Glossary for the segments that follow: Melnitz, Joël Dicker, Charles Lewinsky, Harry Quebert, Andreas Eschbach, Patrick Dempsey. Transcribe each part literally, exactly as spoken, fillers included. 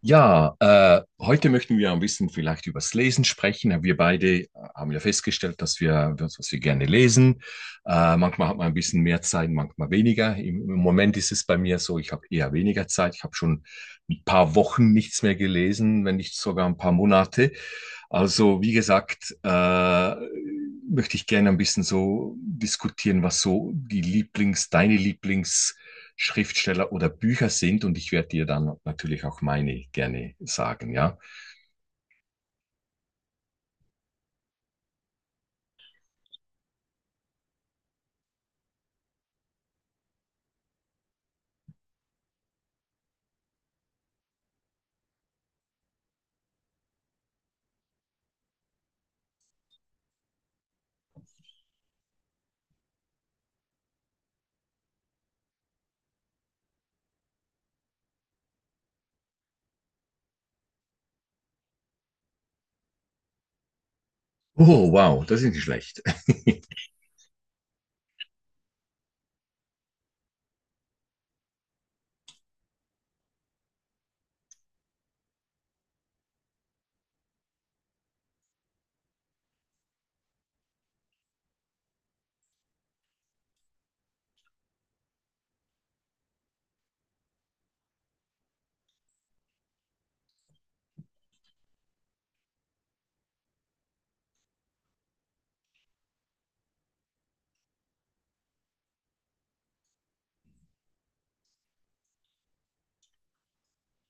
Ja, äh, heute möchten wir ein bisschen vielleicht übers Lesen sprechen. Wir beide äh, haben ja festgestellt, dass wir, das, was wir gerne lesen. Äh, manchmal hat man ein bisschen mehr Zeit, manchmal weniger. Im, im Moment ist es bei mir so, ich habe eher weniger Zeit. Ich habe schon ein paar Wochen nichts mehr gelesen, wenn nicht sogar ein paar Monate. Also, wie gesagt, äh, möchte ich gerne ein bisschen so diskutieren, was so die Lieblings, deine Lieblingsschriftsteller oder Bücher sind. Und ich werde dir dann natürlich auch meine gerne sagen, ja. Oh, wow, das ist nicht schlecht.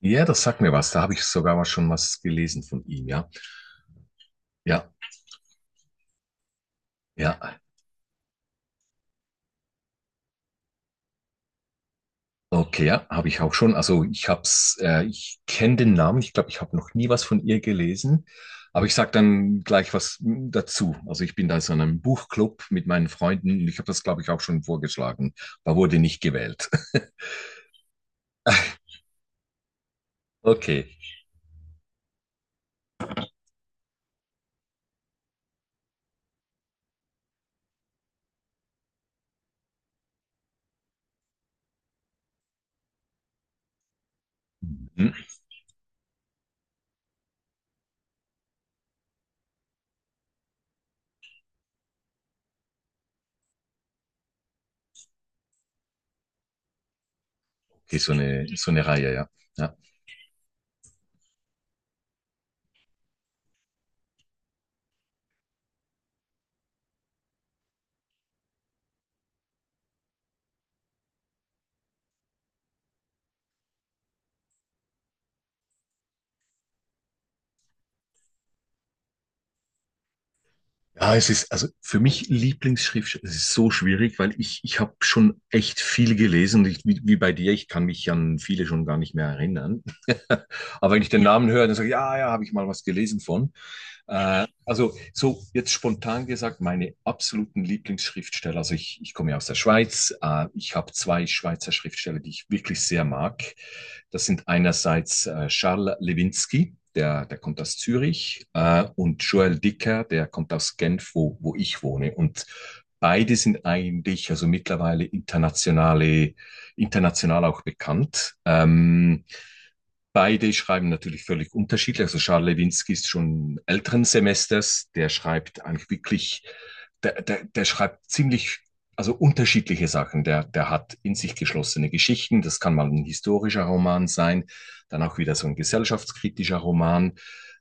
Ja, das sagt mir was. Da habe ich sogar mal schon was gelesen von ihm, ja. Ja, ja. Okay, ja, habe ich auch schon. Also ich hab's, äh, ich kenne den Namen. Ich glaube, ich habe noch nie was von ihr gelesen. Aber ich sag dann gleich was mm, dazu. Also ich bin da so in so einem Buchclub mit meinen Freunden und ich habe das, glaube ich, auch schon vorgeschlagen, aber wurde nicht gewählt. Okay. Hm. Okay, so eine, so eine Reihe, ja. Ja. Ja, es ist, also für mich Lieblingsschriftsteller, es ist so schwierig, weil ich, ich habe schon echt viel gelesen. Und ich, wie, wie bei dir, ich kann mich an viele schon gar nicht mehr erinnern. Aber wenn ich den Namen höre, dann sage ich, ja, ja, habe ich mal was gelesen von. Äh, also so jetzt spontan gesagt, meine absoluten Lieblingsschriftsteller, also ich, ich komme ja aus der Schweiz, äh, ich habe zwei Schweizer Schriftsteller, die ich wirklich sehr mag. Das sind einerseits äh, Charles Lewinsky, der, der kommt aus Zürich, äh, und Joël Dicker, der kommt aus Genf, wo, wo ich wohne. Und beide sind eigentlich, also mittlerweile internationale, international auch bekannt. Ähm, Beide schreiben natürlich völlig unterschiedlich. Also Charles Lewinsky ist schon älteren Semesters, der schreibt eigentlich wirklich, der, der, der schreibt ziemlich, also unterschiedliche Sachen. Der, der hat in sich geschlossene Geschichten, das kann mal ein historischer Roman sein, dann auch wieder so ein gesellschaftskritischer Roman.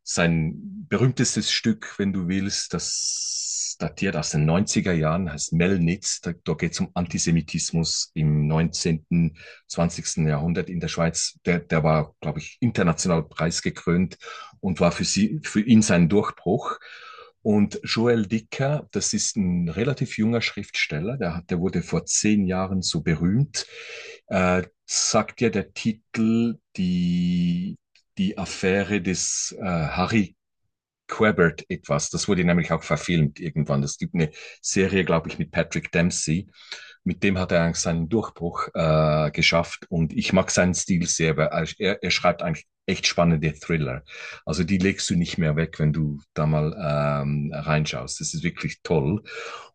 Sein berühmtestes Stück, wenn du willst, das datiert aus den neunziger Jahren, heißt Melnitz, da, da geht es um Antisemitismus im neunzehnten, zwanzigsten Jahrhundert in der Schweiz, der, der war, glaube ich, international preisgekrönt und war für, sie, für ihn sein Durchbruch. Und Joël Dicker, das ist ein relativ junger Schriftsteller, der, hat, der wurde vor zehn Jahren so berühmt, äh, sagt ja der Titel die, die Affäre des äh, Harry Quebert etwas. Das wurde nämlich auch verfilmt irgendwann. Es gibt eine Serie, glaube ich, mit Patrick Dempsey, mit dem hat er eigentlich seinen Durchbruch äh, geschafft, und ich mag seinen Stil sehr, weil er, er schreibt eigentlich echt spannende Thriller. Also die legst du nicht mehr weg, wenn du da mal ähm, reinschaust. Das ist wirklich toll.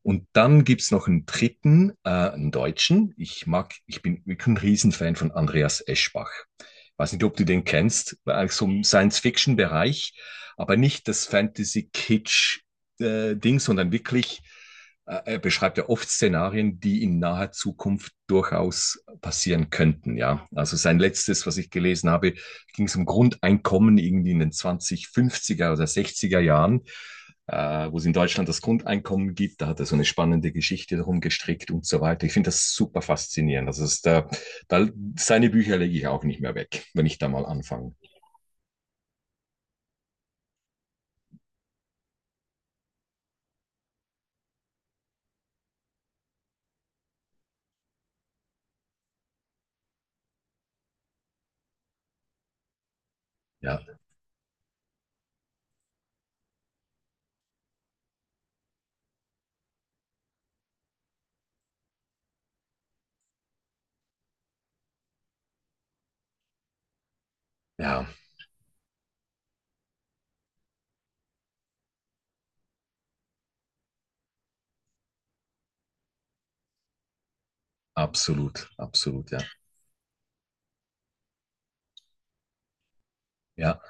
Und dann gibt's noch einen dritten, äh, einen Deutschen. Ich mag, ich bin wirklich ein Riesenfan von Andreas Eschbach. Ich weiß nicht, ob du den kennst, äh, so im Science-Fiction-Bereich, aber nicht das Fantasy-Kitsch-Ding, sondern wirklich, äh, er beschreibt ja oft Szenarien, die in naher Zukunft durchaus passieren könnten, ja. Also sein letztes, was ich gelesen habe, ging es um Grundeinkommen irgendwie in den zwanzig fünfziger oder sechziger Jahren, äh, wo es in Deutschland das Grundeinkommen gibt. Da hat er so eine spannende Geschichte darum gestrickt und so weiter. Ich finde das super faszinierend. Also es ist da, da, seine Bücher lege ich auch nicht mehr weg, wenn ich da mal anfange. Ja, ja, absolut, absolut, ja. Ja,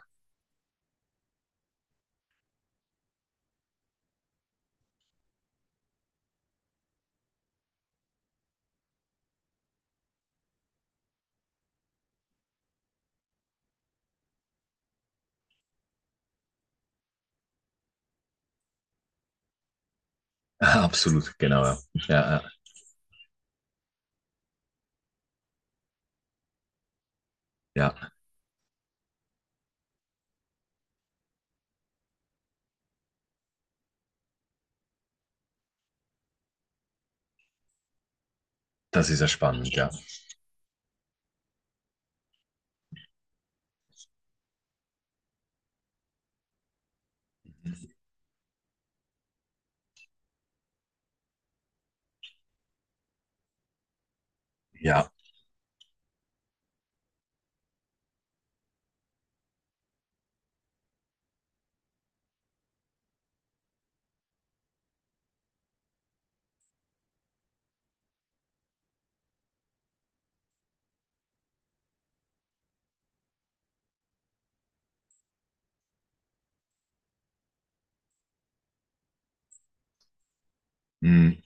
absolut, genau. Ja, ja, ja, ja. Das ist ja spannend, ja. Ja, mm.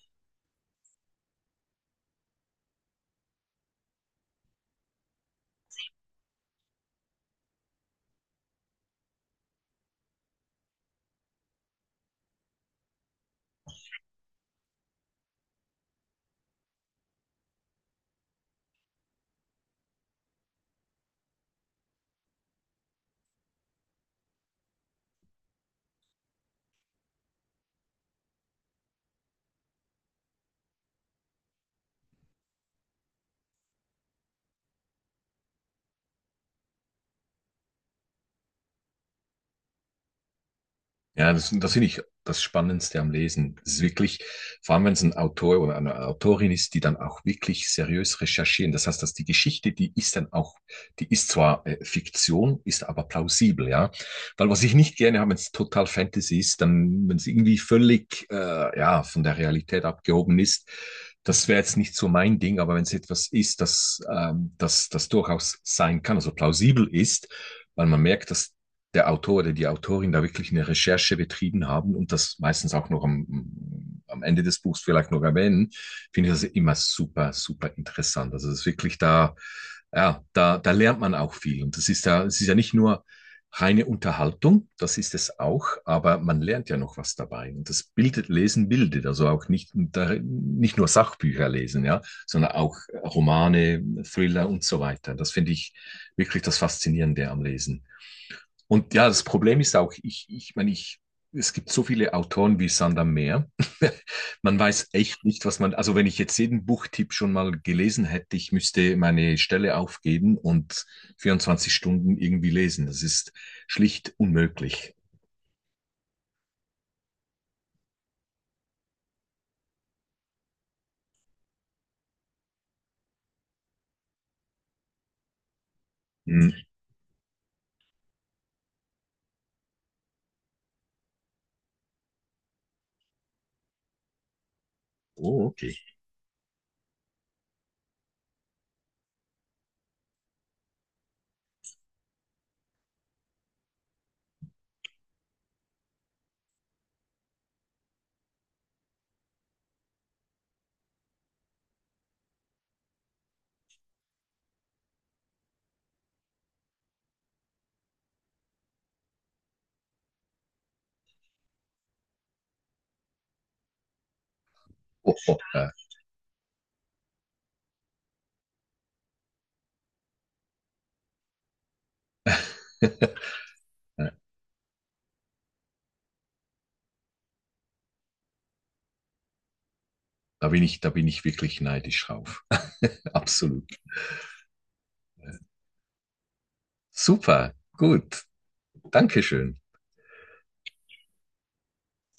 Ja, das, das finde ich das Spannendste am Lesen. Es ist wirklich, vor allem wenn es ein Autor oder eine Autorin ist, die dann auch wirklich seriös recherchieren. Das heißt, dass die Geschichte, die ist dann auch, die ist zwar äh, Fiktion, ist aber plausibel, ja. Weil was ich nicht gerne habe, wenn es total Fantasy ist, dann, wenn es irgendwie völlig, äh, ja, von der Realität abgehoben ist, das wäre jetzt nicht so mein Ding, aber wenn es etwas ist, das, ähm, das, das durchaus sein kann, also plausibel ist, weil man merkt, dass der Autor oder die Autorin da wirklich eine Recherche betrieben haben und das meistens auch noch am, am Ende des Buchs vielleicht noch erwähnen, finde ich das immer super, super interessant. Also es ist wirklich da, ja, da, da lernt man auch viel. Und das ist ja, es ist ja nicht nur reine Unterhaltung, das ist es auch, aber man lernt ja noch was dabei. Und das bildet, Lesen bildet, also auch nicht, nicht nur Sachbücher lesen, ja, sondern auch Romane, Thriller und so weiter. Das finde ich wirklich das Faszinierende am Lesen. Und ja, das Problem ist auch, ich, ich meine, ich, es gibt so viele Autoren wie Sand am Meer. Man weiß echt nicht, was man, also wenn ich jetzt jeden Buchtipp schon mal gelesen hätte, ich müsste meine Stelle aufgeben und vierundzwanzig Stunden irgendwie lesen. Das ist schlicht unmöglich. Hm. Oh, okay. Oh, oh, äh. Da bin ich, da bin ich wirklich neidisch drauf. Absolut. Super. Gut. Dankeschön.